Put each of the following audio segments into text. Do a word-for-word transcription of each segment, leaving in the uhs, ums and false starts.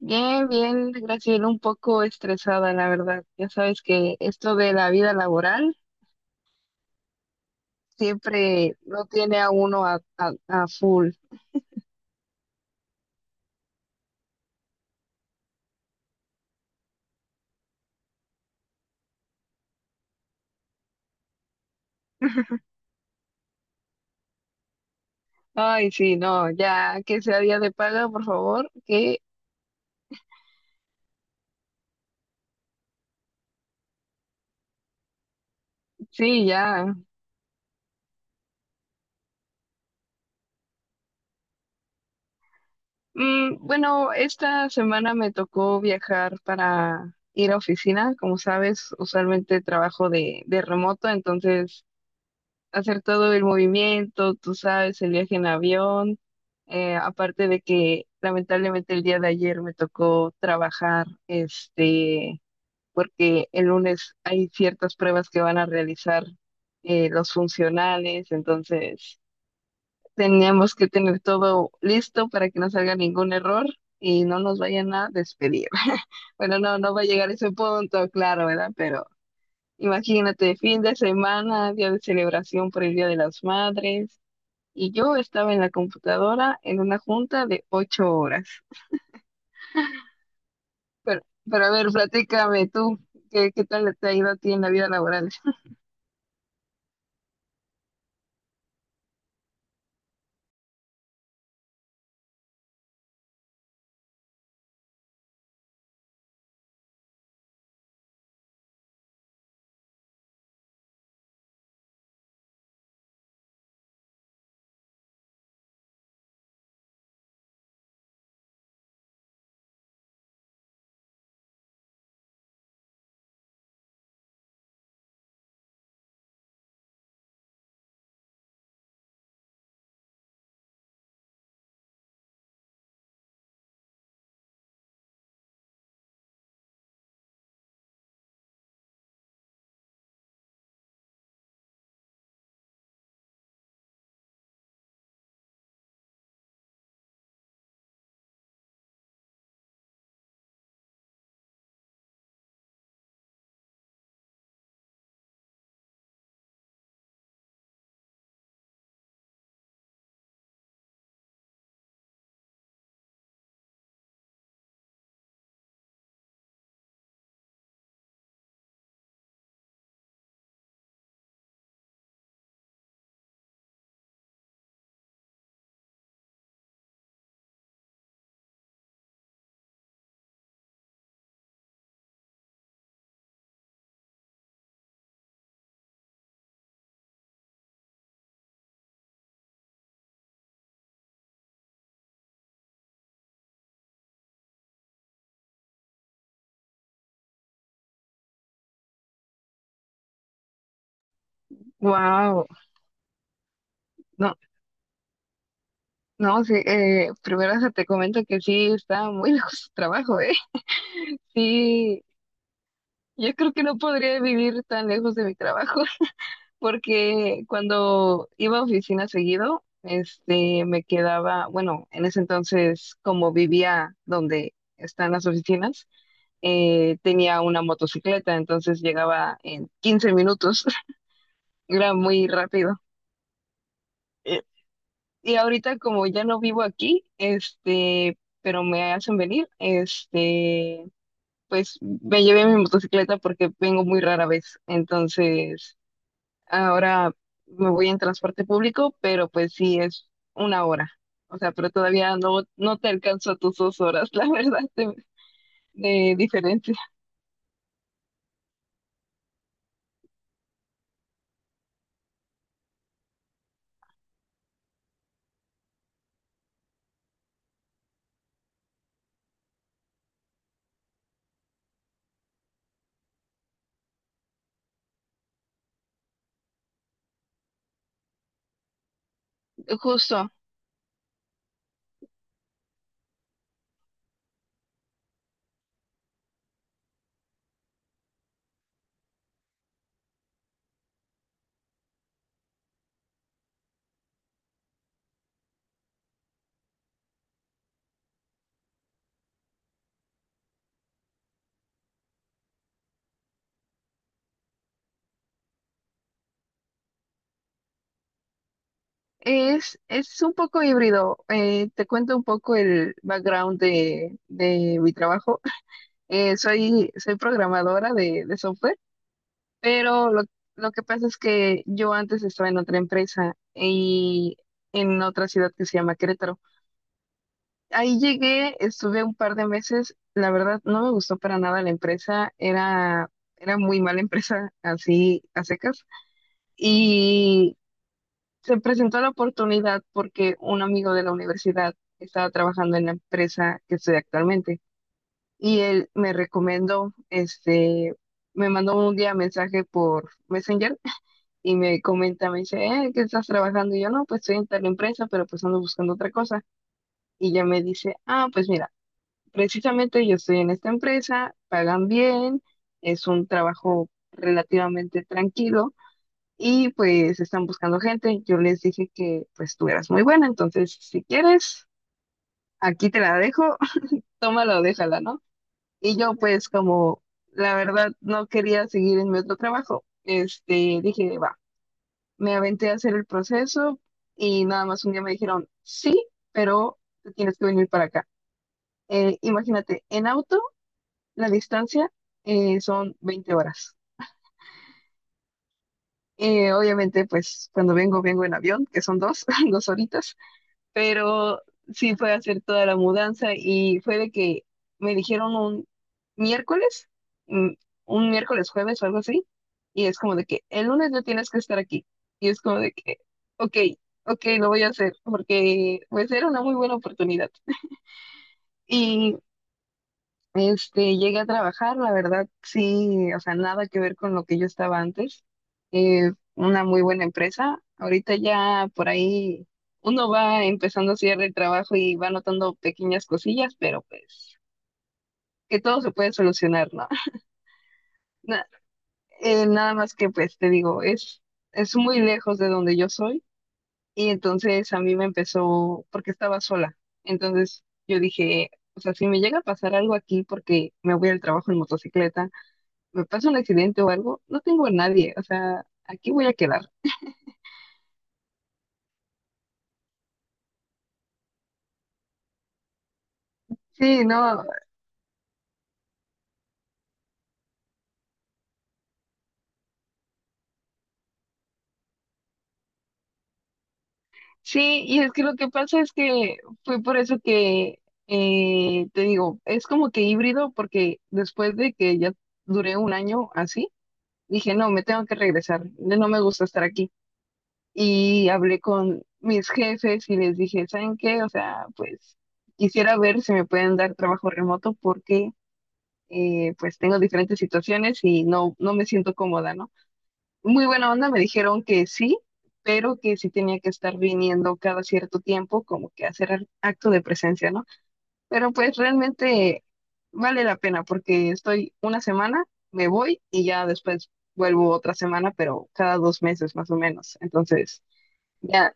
Bien, bien, Graciela, un poco estresada, la verdad. Ya sabes que esto de la vida laboral siempre lo tiene a uno a, a, a full. Ay, sí, no, ya que sea día de paga, por favor, que sí, ya. Mm, bueno, esta semana me tocó viajar para ir a oficina. Como sabes, usualmente trabajo de, de remoto, entonces hacer todo el movimiento, tú sabes, el viaje en avión, eh, aparte de que lamentablemente el día de ayer me tocó trabajar, este, porque el lunes hay ciertas pruebas que van a realizar eh, los funcionales, entonces teníamos que tener todo listo para que no salga ningún error y no nos vayan a despedir. Bueno, no, no va a llegar a ese punto, claro, ¿verdad? Pero imagínate, fin de semana, día de celebración por el Día de las Madres, y yo estaba en la computadora en una junta de ocho horas. Pero, pero a ver, platícame tú, ¿qué, qué tal te ha ido a ti en la vida laboral? Wow, no, no, sí, eh, primero hasta te comento que sí, está muy lejos tu trabajo, ¿eh? Sí, yo creo que no podría vivir tan lejos de mi trabajo. Porque cuando iba a oficina seguido, este, me quedaba, bueno, en ese entonces, como vivía donde están las oficinas, eh, tenía una motocicleta, entonces llegaba en quince minutos, era muy rápido. Eh, Y ahorita como ya no vivo aquí, este, pero me hacen venir, este, pues me llevé mi motocicleta porque vengo muy rara vez, entonces ahora me voy en transporte público, pero pues sí es una hora. O sea, pero todavía no, no te alcanzo a tus dos horas, la verdad, de, de diferencia. Justo. Es, es un poco híbrido. Eh, te cuento un poco el background de, de mi trabajo. Eh, soy, soy programadora de, de software, pero lo, lo que pasa es que yo antes estaba en otra empresa y en otra ciudad que se llama Querétaro. Ahí llegué, estuve un par de meses, la verdad no me gustó para nada la empresa, era, era muy mala empresa, así a secas, y se presentó la oportunidad porque un amigo de la universidad estaba trabajando en la empresa que estoy actualmente, y él me recomendó, este, me mandó un día mensaje por Messenger y me comenta, me dice, eh, ¿qué estás trabajando? Y yo, no, pues estoy en tal empresa, pero pues ando buscando otra cosa, y ya me dice, ah, pues mira. Precisamente yo estoy en esta empresa, pagan bien, es un trabajo relativamente tranquilo y pues están buscando gente. Yo les dije que pues tú eras muy buena, entonces si quieres, aquí te la dejo, tómala o déjala, ¿no? Y yo pues como la verdad no quería seguir en mi otro trabajo, este, dije, va, me aventé a hacer el proceso y nada más un día me dijeron, sí, pero tú tienes que venir para acá. Eh, imagínate, en auto. La distancia eh, son veinte horas. Eh, obviamente, pues cuando vengo, vengo en avión, que son dos, dos horitas, pero sí fue a hacer toda la mudanza y fue de que me dijeron un miércoles, mm, un miércoles jueves o algo así, y es como de que el lunes no tienes que estar aquí. Y es como de que, ok, ok, lo voy a hacer, porque pues era una muy buena oportunidad. Y este, llegué a trabajar, la verdad, sí, o sea, nada que ver con lo que yo estaba antes. Eh, una muy buena empresa. Ahorita ya por ahí uno va empezando a hacer el trabajo y va notando pequeñas cosillas, pero pues que todo se puede solucionar, ¿no? Na- eh, Nada más que pues te digo, es, es muy lejos de donde yo soy y entonces a mí me empezó porque estaba sola. Entonces yo dije, o sea, si me llega a pasar algo aquí porque me voy al trabajo en motocicleta me pasa un accidente o algo, no tengo a nadie, o sea, aquí voy a quedar. Sí, no, sí, y es que lo que pasa es que fue por eso que, eh, te digo, es como que híbrido, porque después de que ya duré un año así, dije, no, me tengo que regresar, ya no me gusta estar aquí. Y hablé con mis jefes y les dije, ¿saben qué? O sea, pues quisiera ver si me pueden dar trabajo remoto porque, eh, pues tengo diferentes situaciones y no, no me siento cómoda, ¿no? Muy buena onda, me dijeron que sí, pero que sí tenía que estar viniendo cada cierto tiempo, como que hacer al- acto de presencia, ¿no? Pero pues realmente vale la pena porque estoy una semana, me voy y ya después vuelvo otra semana, pero cada dos meses más o menos. Entonces, ya,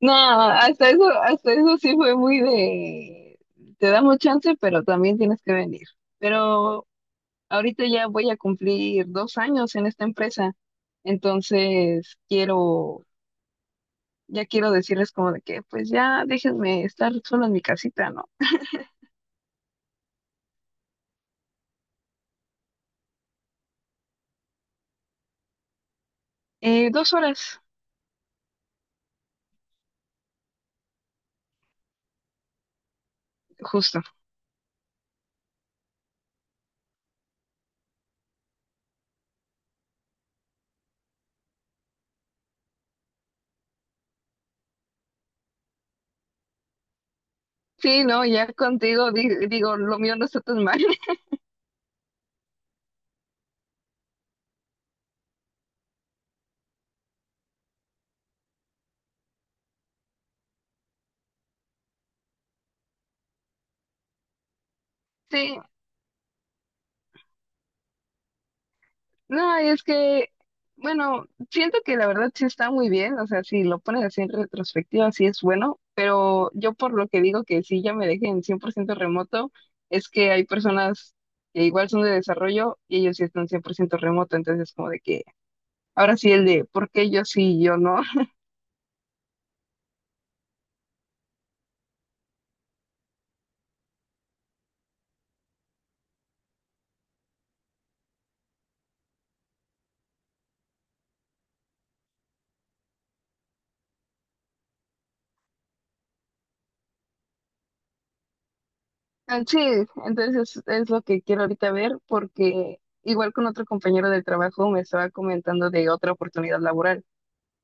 no, hasta eso, hasta eso sí fue muy de, te damos chance, pero también tienes que venir. Pero ahorita ya voy a cumplir dos años en esta empresa, entonces quiero, ya quiero decirles como de que, pues ya déjenme estar solo en mi casita, ¿no? Eh, dos horas, justo. Sí, no, ya contigo di- digo, lo mío no está tan mal. Sí, no, y es que, bueno, siento que la verdad sí está muy bien, o sea, si lo pones así en retrospectiva, sí es bueno, pero yo por lo que digo que sí ya me dejé en cien por ciento remoto, es que hay personas que igual son de desarrollo y ellos sí están cien por ciento remoto, entonces como de que, ahora sí el de, ¿por qué yo sí y yo no? Ah, sí, entonces es, es lo que quiero ahorita ver, porque igual con otro compañero del trabajo me estaba comentando de otra oportunidad laboral.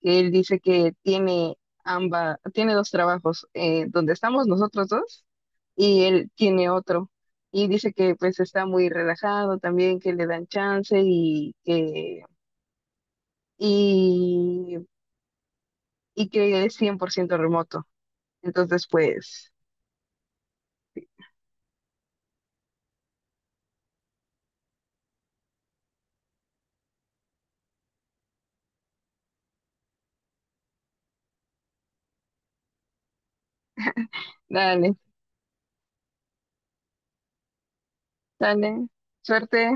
Él dice que tiene amba, tiene dos trabajos, eh, donde estamos nosotros dos y él tiene otro. Y dice que pues está muy relajado también, que le dan chance y que, y, y que es cien por ciento remoto. Entonces, pues, dale, dale, suerte.